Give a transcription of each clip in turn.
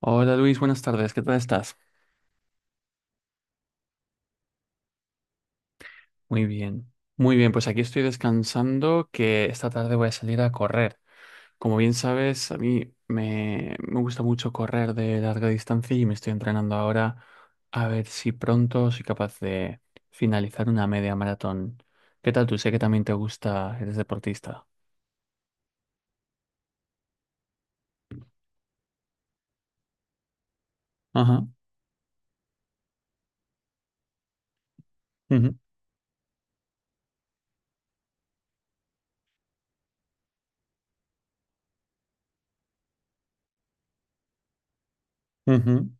Hola Luis, buenas tardes, ¿qué tal estás? Muy bien, muy bien, pues aquí estoy descansando que esta tarde voy a salir a correr. Como bien sabes, a mí me gusta mucho correr de larga distancia y me estoy entrenando ahora a ver si pronto soy capaz de finalizar una media maratón. ¿Qué tal tú? Sé que también te gusta, eres deportista. Ajá. Ujú, ujú,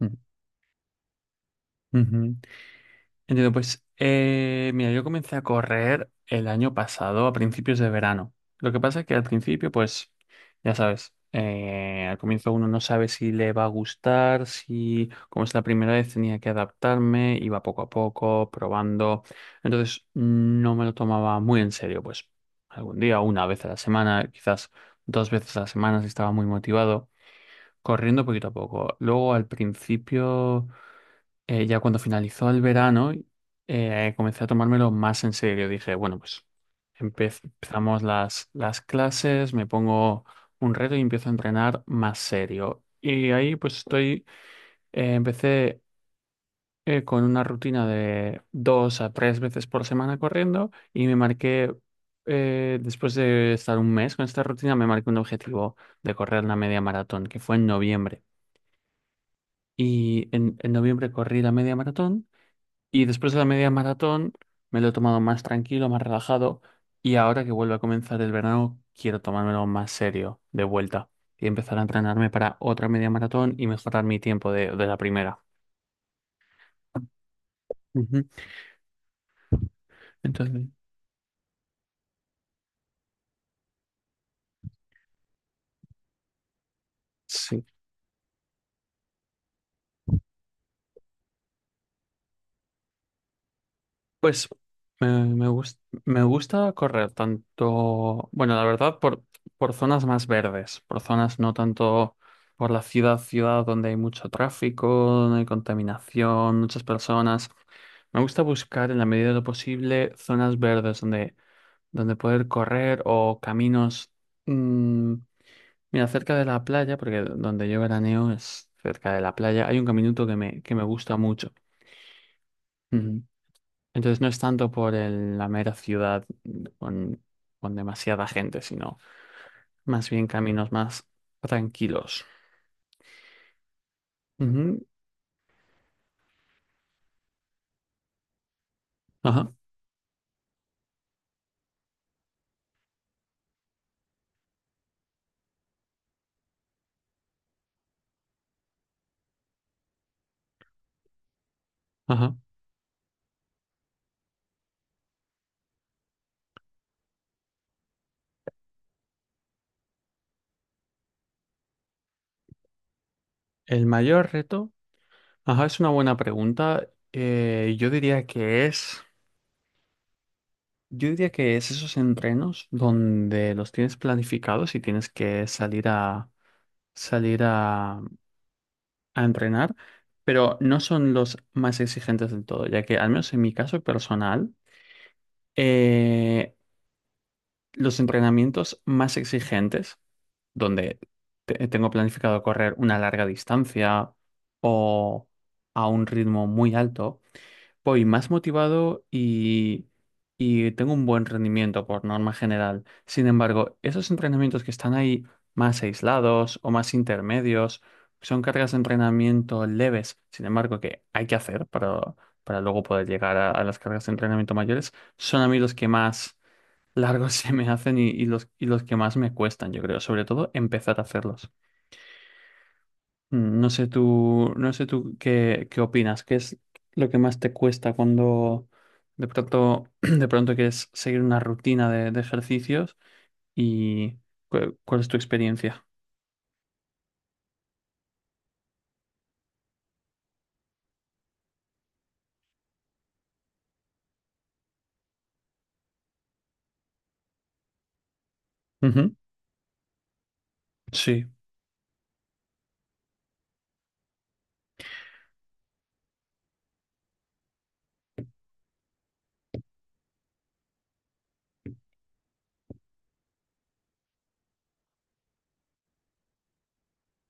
ujú, ujú. Entiendo. Pues mira, yo comencé a correr el año pasado a principios de verano. Lo que pasa es que al principio, pues ya sabes, al comienzo uno no sabe si le va a gustar, si como es la primera vez tenía que adaptarme, iba poco a poco, probando. Entonces no me lo tomaba muy en serio, pues algún día, una vez a la semana, quizás dos veces a la semana si estaba muy motivado, corriendo poquito a poco. Luego al principio ya cuando finalizó el verano, comencé a tomármelo más en serio. Dije, bueno, pues empezamos las clases, me pongo un reto y empiezo a entrenar más serio. Y ahí pues estoy, empecé con una rutina de dos a tres veces por semana corriendo y me marqué, después de estar un mes con esta rutina, me marqué un objetivo de correr la media maratón, que fue en noviembre. Y en noviembre corrí la media maratón. Y después de la media maratón me lo he tomado más tranquilo, más relajado. Y ahora que vuelve a comenzar el verano, quiero tomármelo más serio de vuelta y empezar a entrenarme para otra media maratón y mejorar mi tiempo de la primera. Ujú. Entonces, sí. Pues me, me, gus- me gusta correr tanto, bueno, la verdad, por zonas más verdes, por zonas no tanto por la ciudad donde hay mucho tráfico, donde hay contaminación, muchas personas. Me gusta buscar en la medida de lo posible zonas verdes donde poder correr o caminos. mm, Mira, cerca de la playa, porque donde yo veraneo es cerca de la playa, hay un caminito que me gusta mucho. Entonces no es tanto por la mera ciudad con, con demasiada gente, sino más bien caminos más tranquilos. Ujú, ajá, ajá. El mayor reto, ajá, es una buena pregunta. Yo diría que es esos entrenos donde los tienes planificados y tienes que salir a salir a, a entrenar, pero no son los más exigentes del todo, ya que al menos en mi caso personal. Eh, Los entrenamientos más exigentes, donde tengo planificado correr una larga distancia o a un ritmo muy alto, voy más motivado y tengo un buen rendimiento por norma general. Sin embargo, esos entrenamientos que están ahí más aislados o más intermedios, son cargas de entrenamiento leves, sin embargo, que hay que hacer para luego poder llegar a las cargas de entrenamiento mayores, son a mí los que más largos se me hacen y los que más me cuestan, yo creo, sobre todo empezar a hacerlos. No sé tú qué, qué opinas, qué es lo que más te cuesta cuando de pronto, de pronto quieres seguir una rutina de ejercicios y cuál es tu experiencia. Ujú, sí,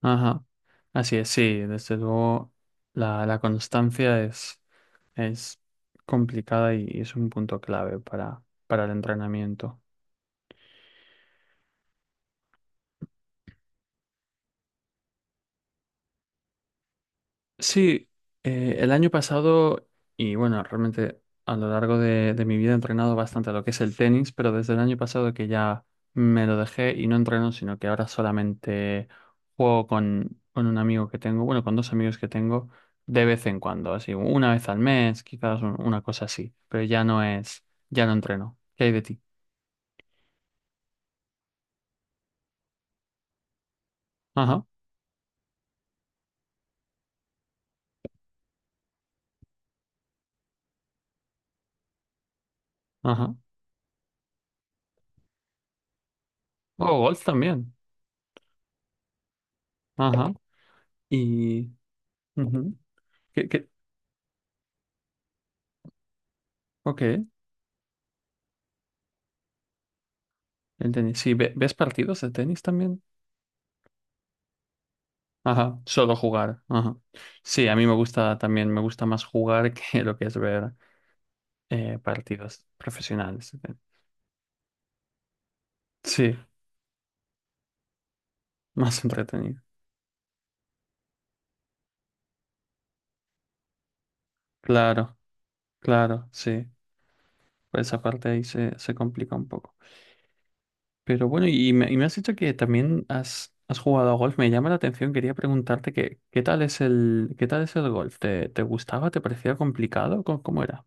ajá. Así es, sí, desde luego la constancia es complicada y es un punto clave para el entrenamiento. Sí, el año pasado, y bueno, realmente a lo largo de mi vida he entrenado bastante a lo que es el tenis, pero desde el año pasado que ya me lo dejé y no entreno, sino que ahora solamente juego con un amigo que tengo, bueno, con dos amigos que tengo de vez en cuando, así, una vez al mes, quizás una cosa así, pero ya no es, ya no entreno. ¿Qué hay de ti? Ajá, ajá. ¿O golf también? Ajá. Y... ujú. ¿Qué, qué? Ok, el tenis. Sí, ves partidos de tenis también? Ajá, solo jugar. Ajá. Sí, a mí me gusta también, me gusta más jugar que lo que es ver partidos profesionales. Sí, más entretenido. Claro, claro, sí. Por esa parte ahí se, se complica un poco. Pero bueno, y me has dicho que también has jugado a golf. Me llama la atención, quería preguntarte que, qué tal es el, qué tal es el golf. ¿Te, te gustaba? ¿Te parecía complicado? ¿Cómo, cómo era?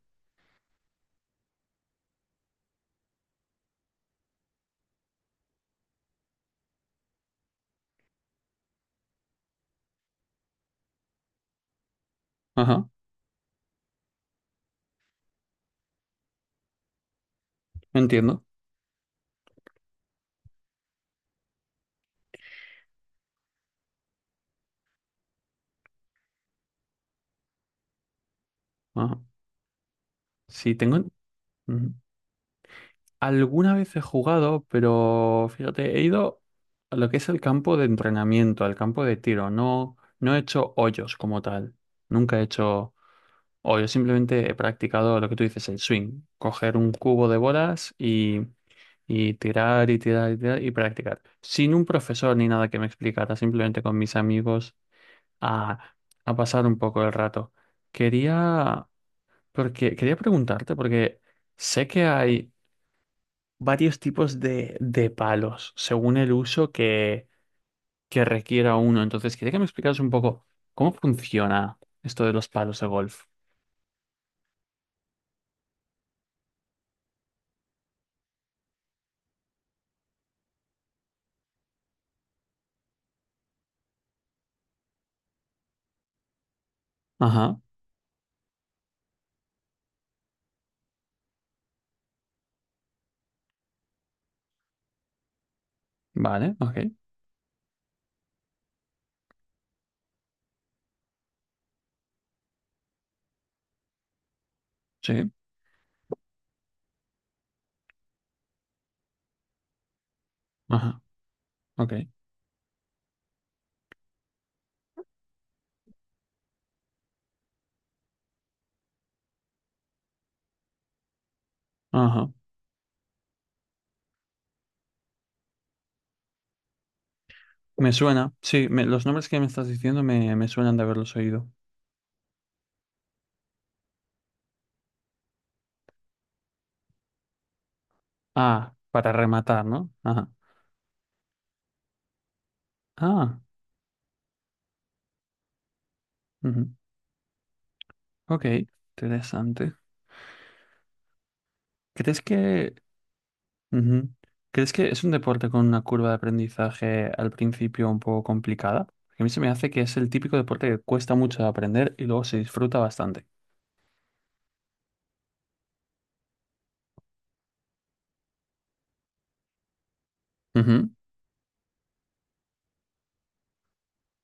Ajá, entiendo. Ajá. Sí, tengo... ujú. Alguna vez he jugado, pero fíjate, he ido a lo que es el campo de entrenamiento, al campo de tiro. No, no he hecho hoyos como tal. Nunca he hecho hoyos, simplemente he practicado lo que tú dices, el swing. Coger un cubo de bolas y tirar y tirar y tirar y practicar. Sin un profesor ni nada que me explicara, simplemente con mis amigos a, a pasar un poco el rato. Quería, quería preguntarte, porque sé que hay varios tipos de palos según el uso que requiera uno. Entonces, quería que me explicaras un poco cómo funciona esto de los palos de golf. Ajá, vale, ok, sí, ajá, ok, ajá. Me suena, sí, los nombres que me estás diciendo me suenan de haberlos oído. Ah, para rematar, ¿no? Ajá. Ah, ujú, ok, interesante. ¿Crees que ujú? ¿Crees que es un deporte con una curva de aprendizaje al principio un poco complicada? Porque a mí se me hace que es el típico deporte que cuesta mucho de aprender y luego se disfruta bastante. Ujú,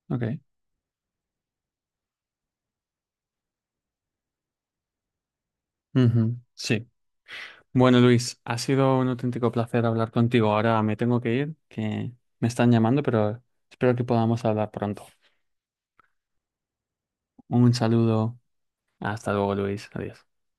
ok. Ujú, sí. Bueno, Luis, ha sido un auténtico placer hablar contigo. Ahora me tengo que ir, que me están llamando, pero espero que podamos hablar pronto. Un saludo. Hasta luego, Luis. Adiós.